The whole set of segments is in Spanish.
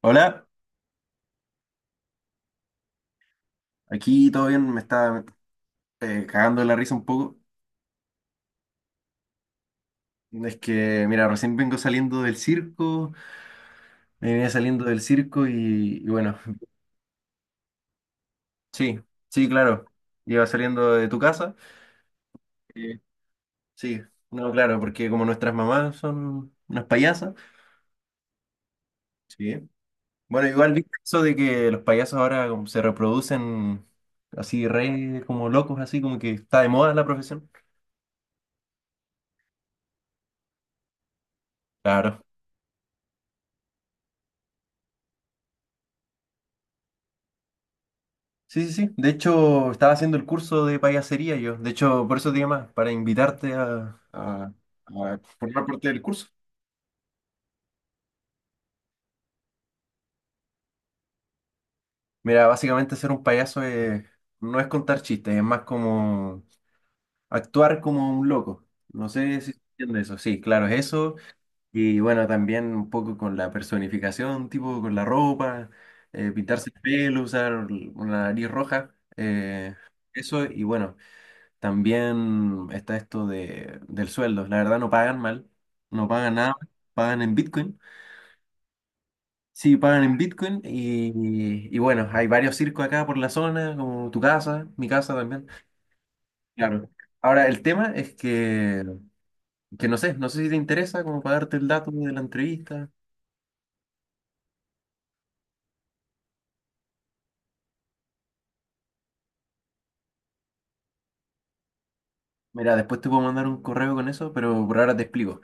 Hola, aquí todo bien, me está cagando de la risa un poco. Es que, mira, recién vengo saliendo del circo, me venía saliendo del circo y bueno, sí, sí, claro, iba saliendo de tu casa. eh, sí, no, claro, porque como nuestras mamás son unas payasas, sí. Bueno, igual viste eso de que los payasos ahora como se reproducen así re como locos, así como que está de moda la profesión. Claro. Sí, sí, sí. De hecho, estaba haciendo el curso de payasería yo. De hecho, por eso te más para invitarte a a formar parte del curso. Mira, básicamente ser un payaso es- no es contar chistes, es más como actuar como un loco. No sé si entiendes eso. Sí, claro, es eso. Y bueno, también un poco con la personificación, tipo con la ropa, pintarse el pelo, usar una nariz roja. eh, Eso, y bueno. También está esto del sueldo. La verdad no pagan mal, no pagan nada, pagan en Bitcoin. Sí, pagan en Bitcoin y bueno, hay varios circos acá por la zona, como tu casa, mi casa también. Claro. Ahora, el tema es que no sé, no sé si te interesa como para darte el dato de la entrevista. Mira, después te puedo mandar un correo con eso, pero por ahora te explico.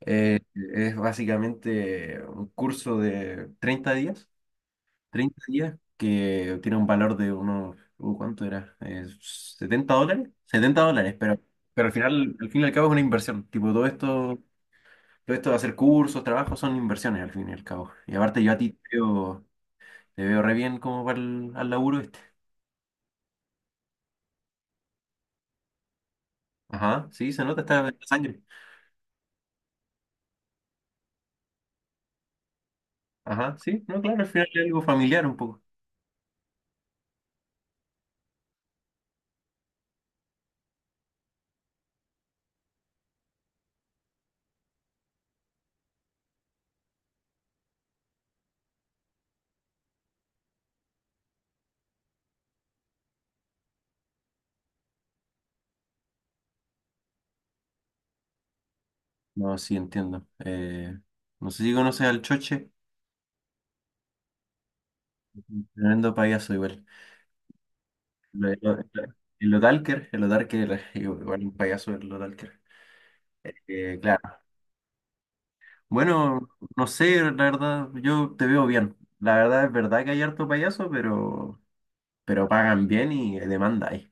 Eh, es básicamente un curso de 30 días 30 días que tiene un valor de unos, ¿cuánto era? ¿$70? $70, pero al final, al fin y al cabo es una inversión. Tipo, todo esto de hacer cursos, trabajos, son inversiones al fin y al cabo. Y aparte yo a ti te veo re bien como para el al laburo este. Ajá, sí, se nota, está en la sangre. Ajá, sí, no, claro, al final es algo familiar un poco. No, sí, entiendo. No sé si conoces al Choche, tremendo payaso igual. Y lo Dalker, los Dalker, igual un payaso el Dalker. Claro. Bueno, no sé, la verdad, yo te veo bien. La verdad es verdad que hay harto payaso, pero pagan bien y demanda hay.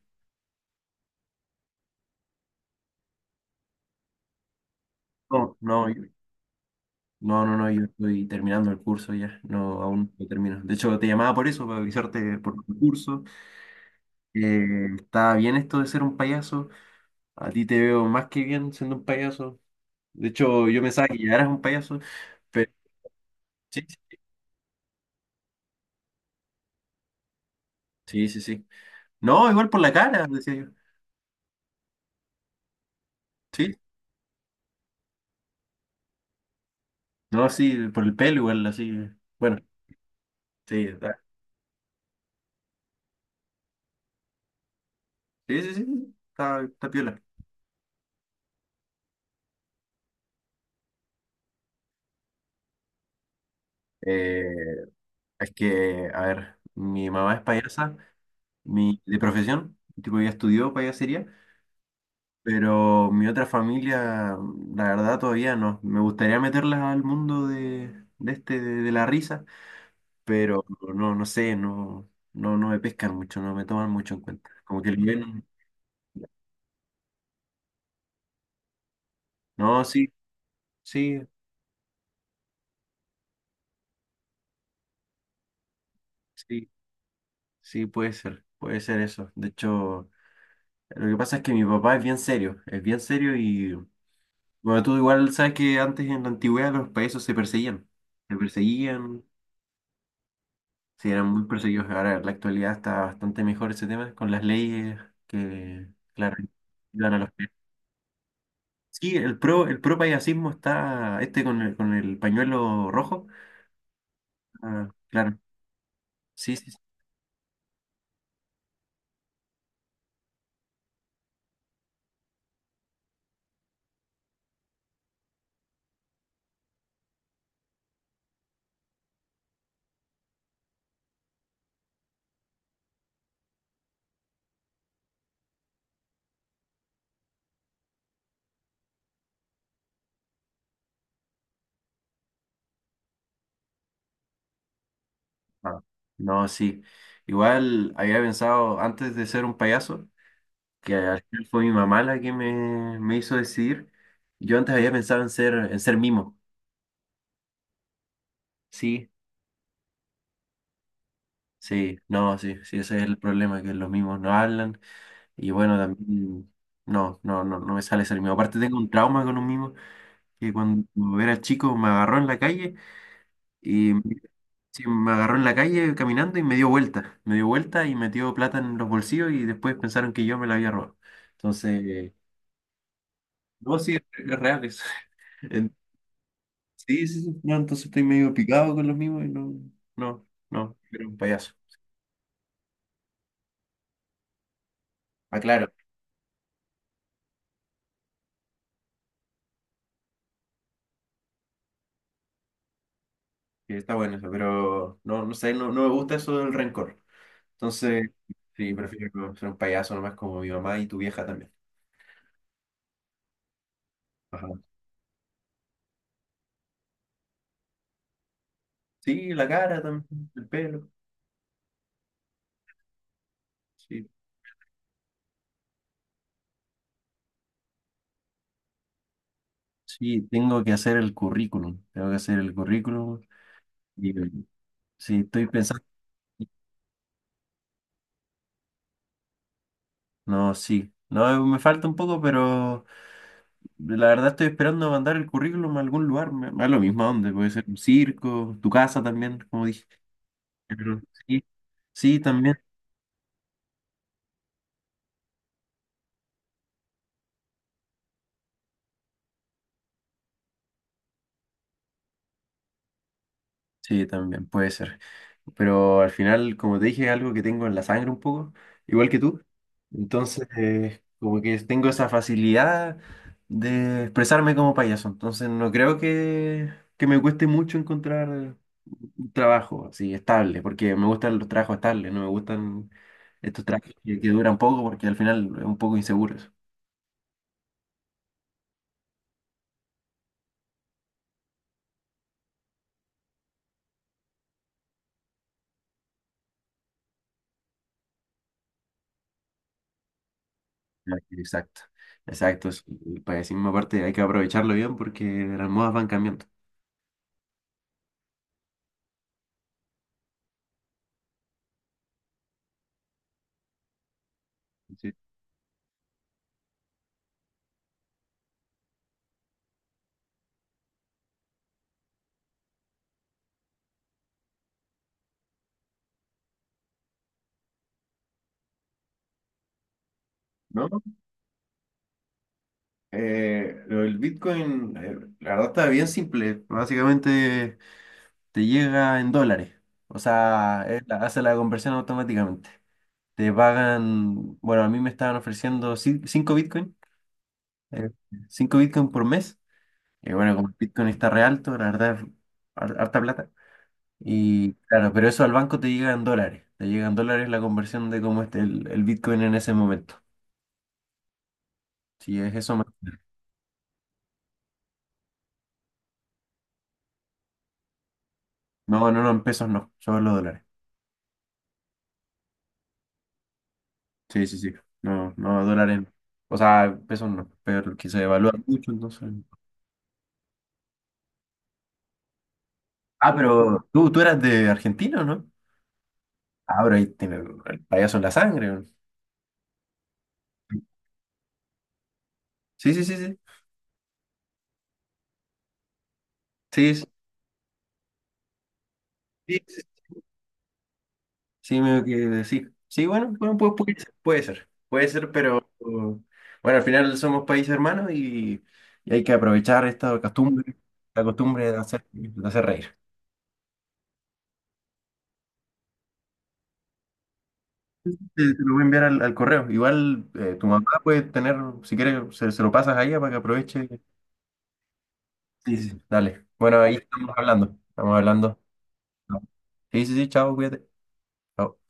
No, no, no, no, yo estoy terminando el curso ya, no, aún no termino. De hecho, te llamaba por eso, para avisarte por el curso. Está bien esto de ser un payaso. A ti te veo más que bien siendo un payaso. De hecho, yo pensaba que ya eras un payaso, pero sí, sí, sí. Sí. Sí. No, igual por la cara, decía yo. Sí, no, sí, por el pelo igual, así. Bueno, sí, está- sí, sí, sí, está, está piola. Eh, es que, a ver, mi mamá es payasa, mi, de profesión, tipo ya estudió payasería, pero mi otra familia, la verdad, todavía no. Me gustaría meterlas al mundo de la risa, pero no, no sé, no, no, no me pescan mucho, no me toman mucho en cuenta. Como que el bien, no, sí, sí. Sí, sí, puede ser eso. De hecho, lo que pasa es que mi papá es bien serio y, bueno, tú igual sabes que antes en la antigüedad los payasos se perseguían, sí eran muy perseguidos. Ahora en la actualidad está bastante mejor ese tema con las leyes que, claro, ayudan a los payasos. Sí, el pro payasismo está, este con el pañuelo rojo. Ah, claro, sí, sí. Sí. Ah, no, sí. Igual había pensado antes de ser un payaso, que al final fue mi mamá la que me hizo decidir. Yo antes había pensado en en ser mimo. Sí, sí, no, sí, sí, ese es el problema, que los mimos no hablan. Y bueno, también no me sale ser mimo. Aparte tengo un trauma con un mimo, que cuando era chico me agarró en la calle y sí, me agarró en la calle caminando y me dio vuelta. Me dio vuelta y metió plata en los bolsillos y después pensaron que yo me la había robado. Entonces, no, sí, es real eso. Sí, sí, sí. No, entonces estoy medio picado con los mismos y no, no, no, era un payaso. Aclaro, que está bueno eso, pero no, no sé, no, no me gusta eso del rencor. Entonces, sí, prefiero ser un payaso nomás como mi mamá y tu vieja también. Ajá. Sí, la cara también, el pelo. Sí. Sí, tengo que hacer el currículum. Tengo que hacer el currículum. Y sí, estoy pensando. No, sí. No, me falta un poco, pero. La verdad estoy esperando mandar el currículum a algún lugar, me da lo mismo a dónde, puede ser un circo, tu casa también, como dije. Pero sí, sí, también. Sí, también puede ser. Pero al final, como te dije, es algo que tengo en la sangre un poco, igual que tú. Entonces, como que tengo esa facilidad de expresarme como payaso. Entonces, no creo que me cueste mucho encontrar un trabajo así estable, porque me gustan los trabajos estables, no me gustan estos trabajos que duran poco, porque al final es un poco inseguro eso. Ah, exacto, exacto. Sí. El payacismo aparte hay que aprovecharlo bien porque las modas van cambiando. Sí. ¿No? Lo del Bitcoin, la verdad está bien simple. Básicamente te llega en dólares. O sea, él hace la conversión automáticamente. Te pagan, bueno, a mí me estaban ofreciendo 5 Bitcoin, eh, 5 Bitcoin por mes. Y bueno, como el Bitcoin está re alto, la verdad es harta plata. Y claro, pero eso al banco te llega en dólares. Te llega en dólares la conversión de cómo esté el Bitcoin en ese momento. Si es eso, más- no, no, no, en pesos no, solo dólares. Sí, sí, sí. No, no va en. O sea, pesos no, pero que se evalúa mucho, entonces. Ah, pero tú eras de Argentina, ¿o no? Ah, pero ahí tiene el payaso en la sangre. ¿No? Sí, sí, sí, sí. Sí, sí, sí, sí, sí, me que decir. Sí, bueno, bueno, puede, puede ser, puede ser, puede ser, pero bueno, al final somos países hermanos y hay que aprovechar esta costumbre, la costumbre de hacer reír. Te lo voy a enviar al correo. Igual tu mamá puede tener, si quieres, se lo pasas a ella para que aproveche. Sí, sí. Dale. Bueno, ahí estamos hablando. Estamos hablando. Sí, sí, sí, chao, cuídate. Chao.